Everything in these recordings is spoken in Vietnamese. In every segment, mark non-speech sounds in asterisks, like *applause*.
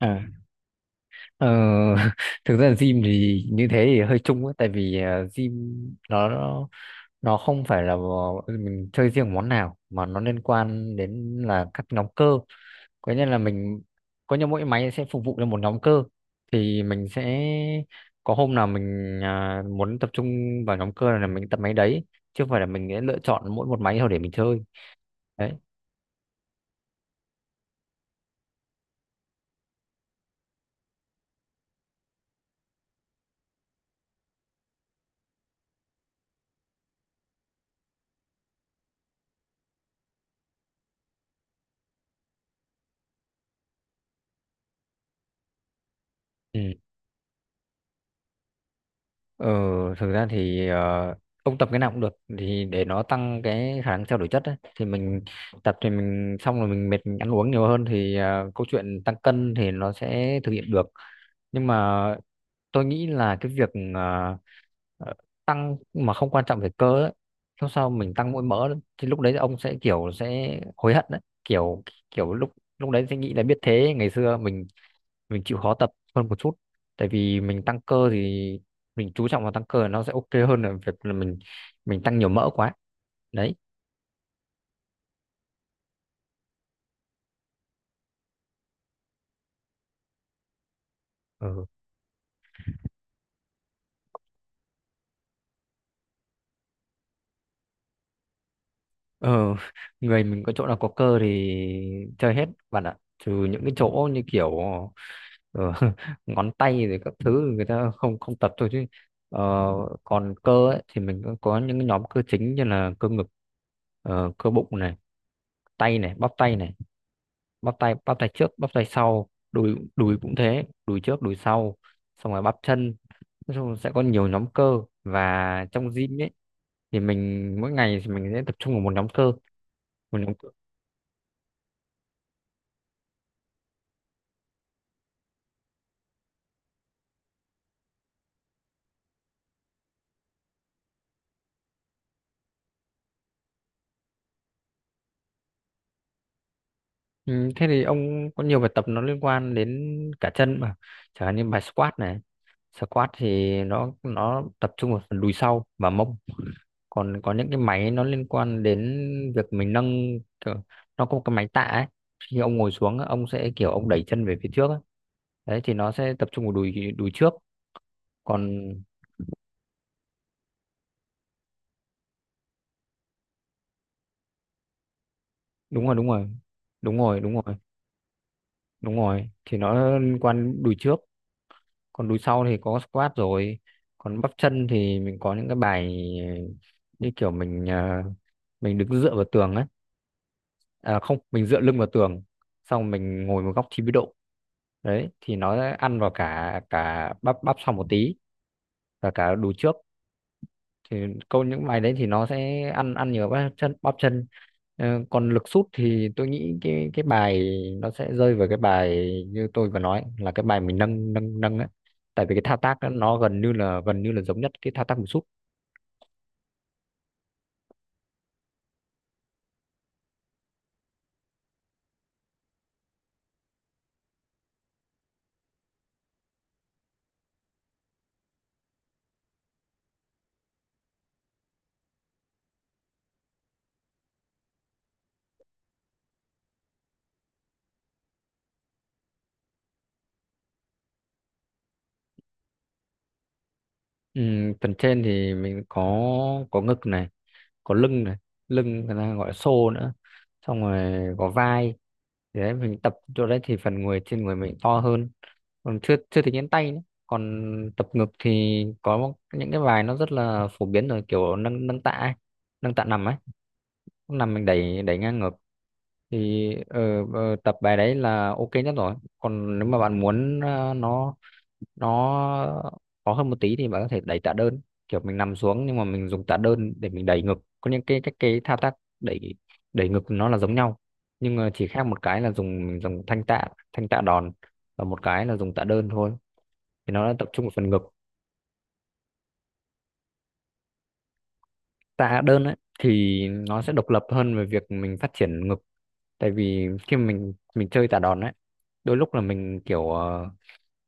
À, ờ, *laughs* thực ra gym thì như thế thì hơi chung ấy, tại vì gym nó nó nó không phải là à, mình chơi riêng món nào mà nó liên quan đến là các nhóm cơ, có nghĩa là mình có như mỗi máy sẽ phục vụ cho một nhóm cơ, thì mình sẽ có hôm nào mình à, muốn tập trung vào nhóm cơ là mình tập máy đấy, chứ không phải là mình sẽ lựa chọn mỗi một máy thôi để mình chơi. Đấy. Ừ. ờ, Thực ra thì ông tập cái nào cũng được thì để nó tăng cái khả năng trao đổi chất ấy. Thì mình tập thì mình xong rồi mình mệt mình ăn uống nhiều hơn thì à, câu chuyện tăng cân thì nó sẽ thực hiện được, nhưng mà tôi nghĩ là cái việc à, ờ, tăng mà không quan trọng về cơ ấy, lúc sau mình tăng mỗi mỡ thì lúc đấy ông sẽ kiểu sẽ hối hận đấy, kiểu kiểu lúc lúc đấy sẽ nghĩ là biết thế ngày xưa mình chịu khó tập hơn một chút, tại vì mình tăng cơ thì mình chú trọng vào tăng cơ nó sẽ ok hơn là việc là mình tăng nhiều mỡ quá. Đấy. Ừ. ờ *laughs* người mình có chỗ nào có cơ thì chơi hết bạn ạ, trừ những cái chỗ như kiểu Ờ, *laughs* ngón tay rồi các thứ người ta không không tập thôi chứ, ờ, còn cơ ấy, thì mình có những cái nhóm cơ chính như là cơ ngực, cơ bụng này, tay này, bắp tay này, bắp tay trước bắp tay sau, đùi đùi cũng thế, đùi trước đùi sau, xong rồi bắp chân. Nói chung là sẽ có nhiều nhóm cơ, và trong gym ấy thì mình mỗi ngày thì mình sẽ tập trung vào một nhóm cơ. Ừ, thế thì ông có nhiều bài tập nó liên quan đến cả chân mà, chẳng hạn như bài squat này. Squat thì nó tập trung vào phần đùi sau và mông, còn có những cái máy nó liên quan đến việc mình nâng kiểu, nó có một cái máy tạ ấy, khi ông ngồi xuống á, ông sẽ kiểu ông đẩy chân về phía trước á. Đấy thì nó sẽ tập trung vào đùi đùi trước. Còn đúng rồi, đúng rồi, đúng rồi, đúng rồi, đúng rồi, thì nó liên quan đến đùi trước, còn đùi sau thì có squat rồi, còn bắp chân thì mình có những cái bài như kiểu mình à, mình đứng dựa vào tường ấy, à, không, mình dựa lưng vào tường, xong mình ngồi một góc 90 độ. Đấy thì nó sẽ ăn vào cả cả bắp bắp sau một tí và cả đùi trước, thì câu những bài đấy thì nó sẽ ăn ăn nhiều bắp chân Ờ, còn lực sút thì tôi nghĩ cái bài nó sẽ rơi vào cái bài như tôi vừa nói, là cái bài mình nâng nâng nâng ấy, tại vì cái thao tác đó nó gần như là giống nhất cái thao tác mình sút. Phần trên thì mình có ngực này, có lưng này, lưng người ta gọi là xô nữa, xong rồi có vai. Thì đấy mình tập chỗ đấy thì phần người trên người mình to hơn, còn chưa chưa tính đến tay nữa. Còn tập ngực thì có những cái bài nó rất là phổ biến rồi, kiểu nâng nâng tạ ấy, nâng tạ nằm ấy, năm mình đẩy đẩy ngang ngược thì tập bài đấy là ok nhất rồi, còn nếu mà bạn muốn nó khó hơn một tí thì bạn có thể đẩy tạ đơn, kiểu mình nằm xuống nhưng mà mình dùng tạ đơn để mình đẩy ngực. Có những cái thao tác đẩy, đẩy ngực nó là giống nhau, nhưng mà chỉ khác một cái là mình dùng thanh tạ, thanh tạ đòn, và một cái là dùng tạ đơn thôi, thì nó đã tập trung vào phần ngực. Tạ đơn ấy thì nó sẽ độc lập hơn về việc mình phát triển ngực, tại vì khi mà mình chơi tạ đòn ấy, đôi lúc là mình kiểu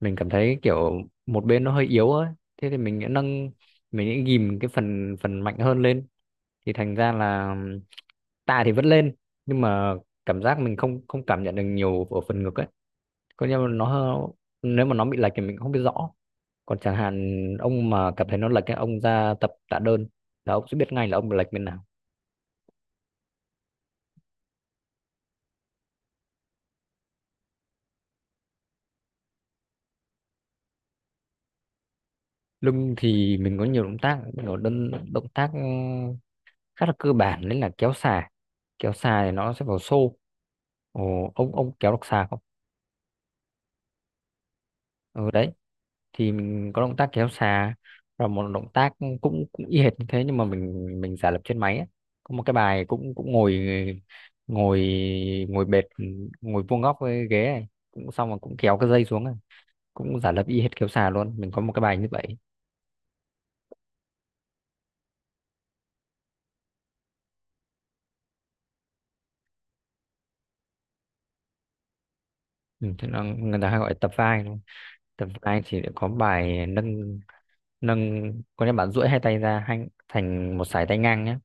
mình cảm thấy kiểu một bên nó hơi yếu ấy, thế thì mình sẽ nâng, mình sẽ ghìm cái phần phần mạnh hơn lên, thì thành ra là tạ thì vẫn lên, nhưng mà cảm giác mình không không cảm nhận được nhiều ở phần ngực ấy, còn coi mà nó, nếu mà nó bị lệch thì mình cũng không biết rõ. Còn chẳng hạn ông mà cảm thấy nó lệch cái ông ra tập tạ đơn, là ông sẽ biết ngay là ông bị lệch bên nào. Lưng thì mình có nhiều động tác, mình có đơn động tác ừ, khá là cơ bản, đấy là kéo xà. Kéo xà thì nó sẽ vào xô. Ồ, ông kéo được xà không? Ừ, đấy thì mình có động tác kéo xà, và một động tác cũng cũng y hệt như thế nhưng mà mình giả lập trên máy ấy. Có một cái bài cũng cũng ngồi, ngồi ngồi bệt, ngồi vuông góc với ghế này, cũng xong rồi cũng kéo cái dây xuống này, cũng giả lập y hệt kéo xà luôn. Mình có một cái bài như vậy. Ừ, thế là người ta hay gọi là tập vai đúng không? Tập vai thì lại có bài nâng, nâng có nghĩa bạn duỗi hai tay ra hai, thành một sải tay ngang nhé,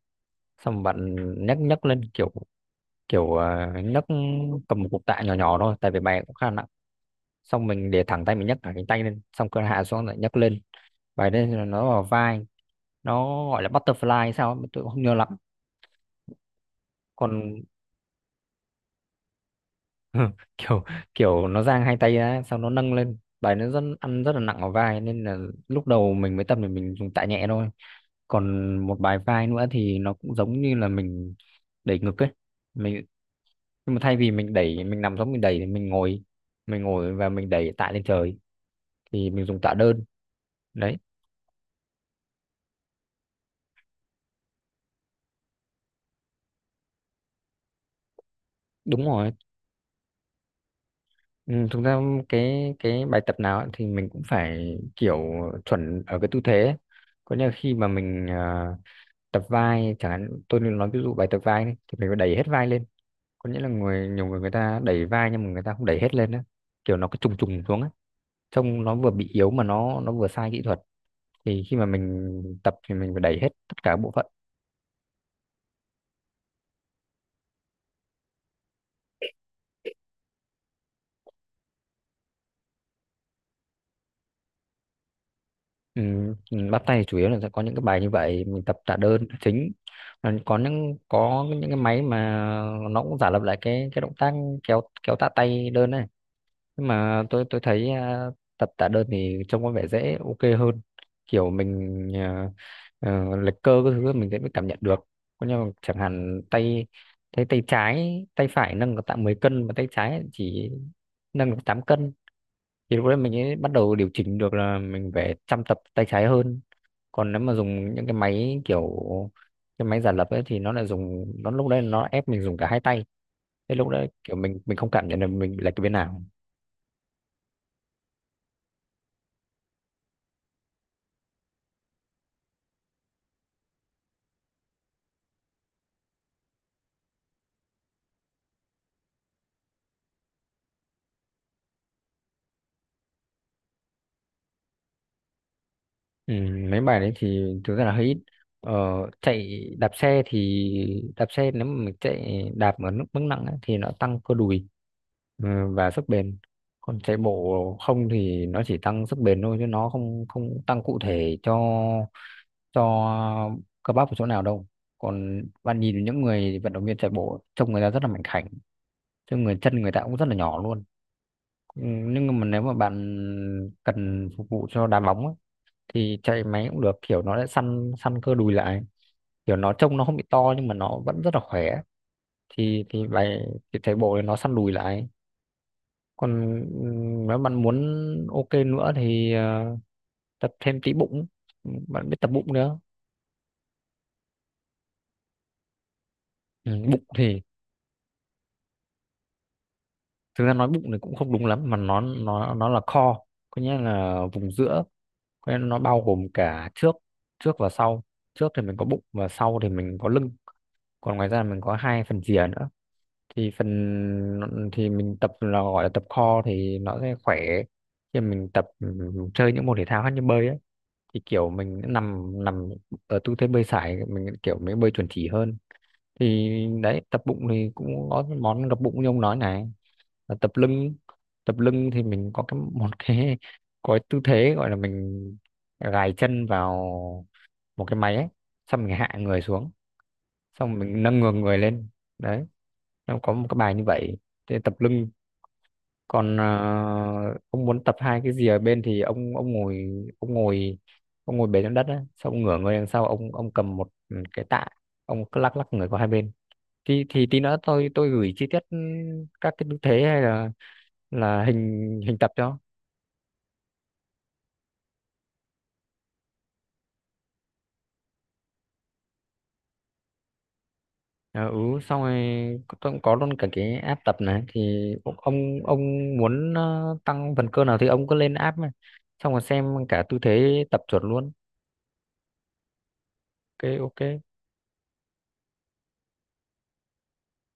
xong bạn nhấc nhấc lên kiểu, kiểu nhấc cầm một cục tạ nhỏ nhỏ thôi, tại vì bài cũng khá nặng, xong mình để thẳng tay mình nhấc cả cánh tay lên xong cơ hạ xuống lại nhấc lên, bài đấy là nó vào vai, nó gọi là butterfly hay sao ấy, tôi cũng không nhớ lắm. Còn *laughs* kiểu, kiểu nó dang hai tay ra xong nó nâng lên, bài nó rất ăn, rất là nặng vào vai nên là lúc đầu mình mới tập thì mình dùng tạ nhẹ thôi. Còn một bài vai nữa thì nó cũng giống như là mình đẩy ngực ấy, mình, nhưng mà thay vì mình đẩy mình nằm giống mình đẩy thì mình ngồi, mình ngồi và mình đẩy tạ lên trời, thì mình dùng tạ đơn. Đấy. Đúng rồi. Ừ, thực ra cái bài tập nào ấy thì mình cũng phải kiểu chuẩn ở cái tư thế ấy. Có nghĩa là khi mà mình à, tập vai chẳng hạn, tôi nên nói ví dụ bài tập vai đi, thì mình phải đẩy hết vai lên, có nghĩa là nhiều người, người ta đẩy vai nhưng mà người ta không đẩy hết lên á, kiểu nó cứ trùng trùng xuống á, trông nó vừa bị yếu mà nó vừa sai kỹ thuật, thì khi mà mình tập thì mình phải đẩy hết tất cả bộ phận. Ừ, bắt tay thì chủ yếu là sẽ có những cái bài như vậy, mình tập tạ đơn là chính. Còn có những, có những cái máy mà nó cũng giả lập lại cái động tác kéo, kéo tạ tay đơn này, nhưng mà tôi thấy tập tạ đơn thì trông có vẻ dễ ok hơn, kiểu mình à, lệch cơ cái thứ mình sẽ mới cảm nhận được. Có, nhưng mà chẳng hạn tay, tay trái tay phải nâng được tạ 10 cân mà tay trái chỉ nâng được 8 cân, thì lúc đấy mình ấy bắt đầu điều chỉnh được là mình phải chăm tập tay trái hơn. Còn nếu mà dùng những cái máy kiểu cái máy giả lập ấy thì nó lại dùng, nó lúc đấy nó ép mình dùng cả hai tay, thế lúc đấy kiểu mình không cảm nhận được mình bị lệch cái bên nào. Ừ, mấy bài đấy thì thực ra là hơi ít. ờ, Chạy, đạp xe thì đạp xe, nếu mà mình chạy đạp ở mức mức nặng ấy, thì nó tăng cơ đùi, ừ, và sức bền. Còn chạy bộ không thì nó chỉ tăng sức bền thôi, chứ nó không không tăng cụ thể cho cơ bắp ở chỗ nào đâu. Còn bạn nhìn những người vận động viên chạy bộ trông người ta rất là mảnh khảnh, chứ người chân người ta cũng rất là nhỏ luôn. Ừ, nhưng mà nếu mà bạn cần phục vụ cho đá bóng ấy, thì chạy máy cũng được, kiểu nó sẽ săn săn cơ đùi lại, kiểu nó trông nó không bị to nhưng mà nó vẫn rất là khỏe, thì bài thì chạy bộ thì nó săn đùi lại. Còn ừ, nếu bạn muốn ok nữa thì tập thêm tí bụng. Ừ, bạn biết tập bụng nữa. Ừ, bụng thì, thực ra nói bụng thì cũng không đúng lắm mà nó nó là core, có nghĩa là vùng giữa, có nghĩa là nó bao gồm cả trước, trước và sau, trước thì mình có bụng và sau thì mình có lưng, còn ngoài ra mình có hai phần rìa nữa, thì phần, thì mình tập là gọi là tập core thì nó sẽ khỏe. Khi mà mình tập ừ, chơi những môn thể thao khác như bơi ấy, thì kiểu mình nằm nằm ở tư thế bơi sải mình kiểu mới bơi chuẩn chỉ hơn. Thì đấy, tập bụng thì cũng có cái món gập bụng như ông nói này, là tập lưng. Tập lưng thì mình có cái *laughs* một cái, có cái tư thế gọi là mình gài chân vào một cái máy ấy, xong mình hạ người xuống, xong mình nâng ngược người lên. Đấy, nó có một cái bài như vậy để tập lưng. Còn ờ, ông muốn tập hai cái gì ở bên thì ông ngồi, ông ngồi ông ngồi bệt trên đất á, xong ông ngửa người đằng sau, ông cầm một cái tạ, ông cứ lắc lắc người qua hai bên. Thì tí nữa tôi gửi chi tiết ừ, các cái tư thế hay là hình, hình tập cho. Ờ, ừ, xong rồi tôi cũng có luôn cả cái app tập này, thì ông muốn ờ, tăng phần cơ nào thì ông cứ lên app mà xong rồi xem cả tư thế tập chuẩn luôn. Ok, ok.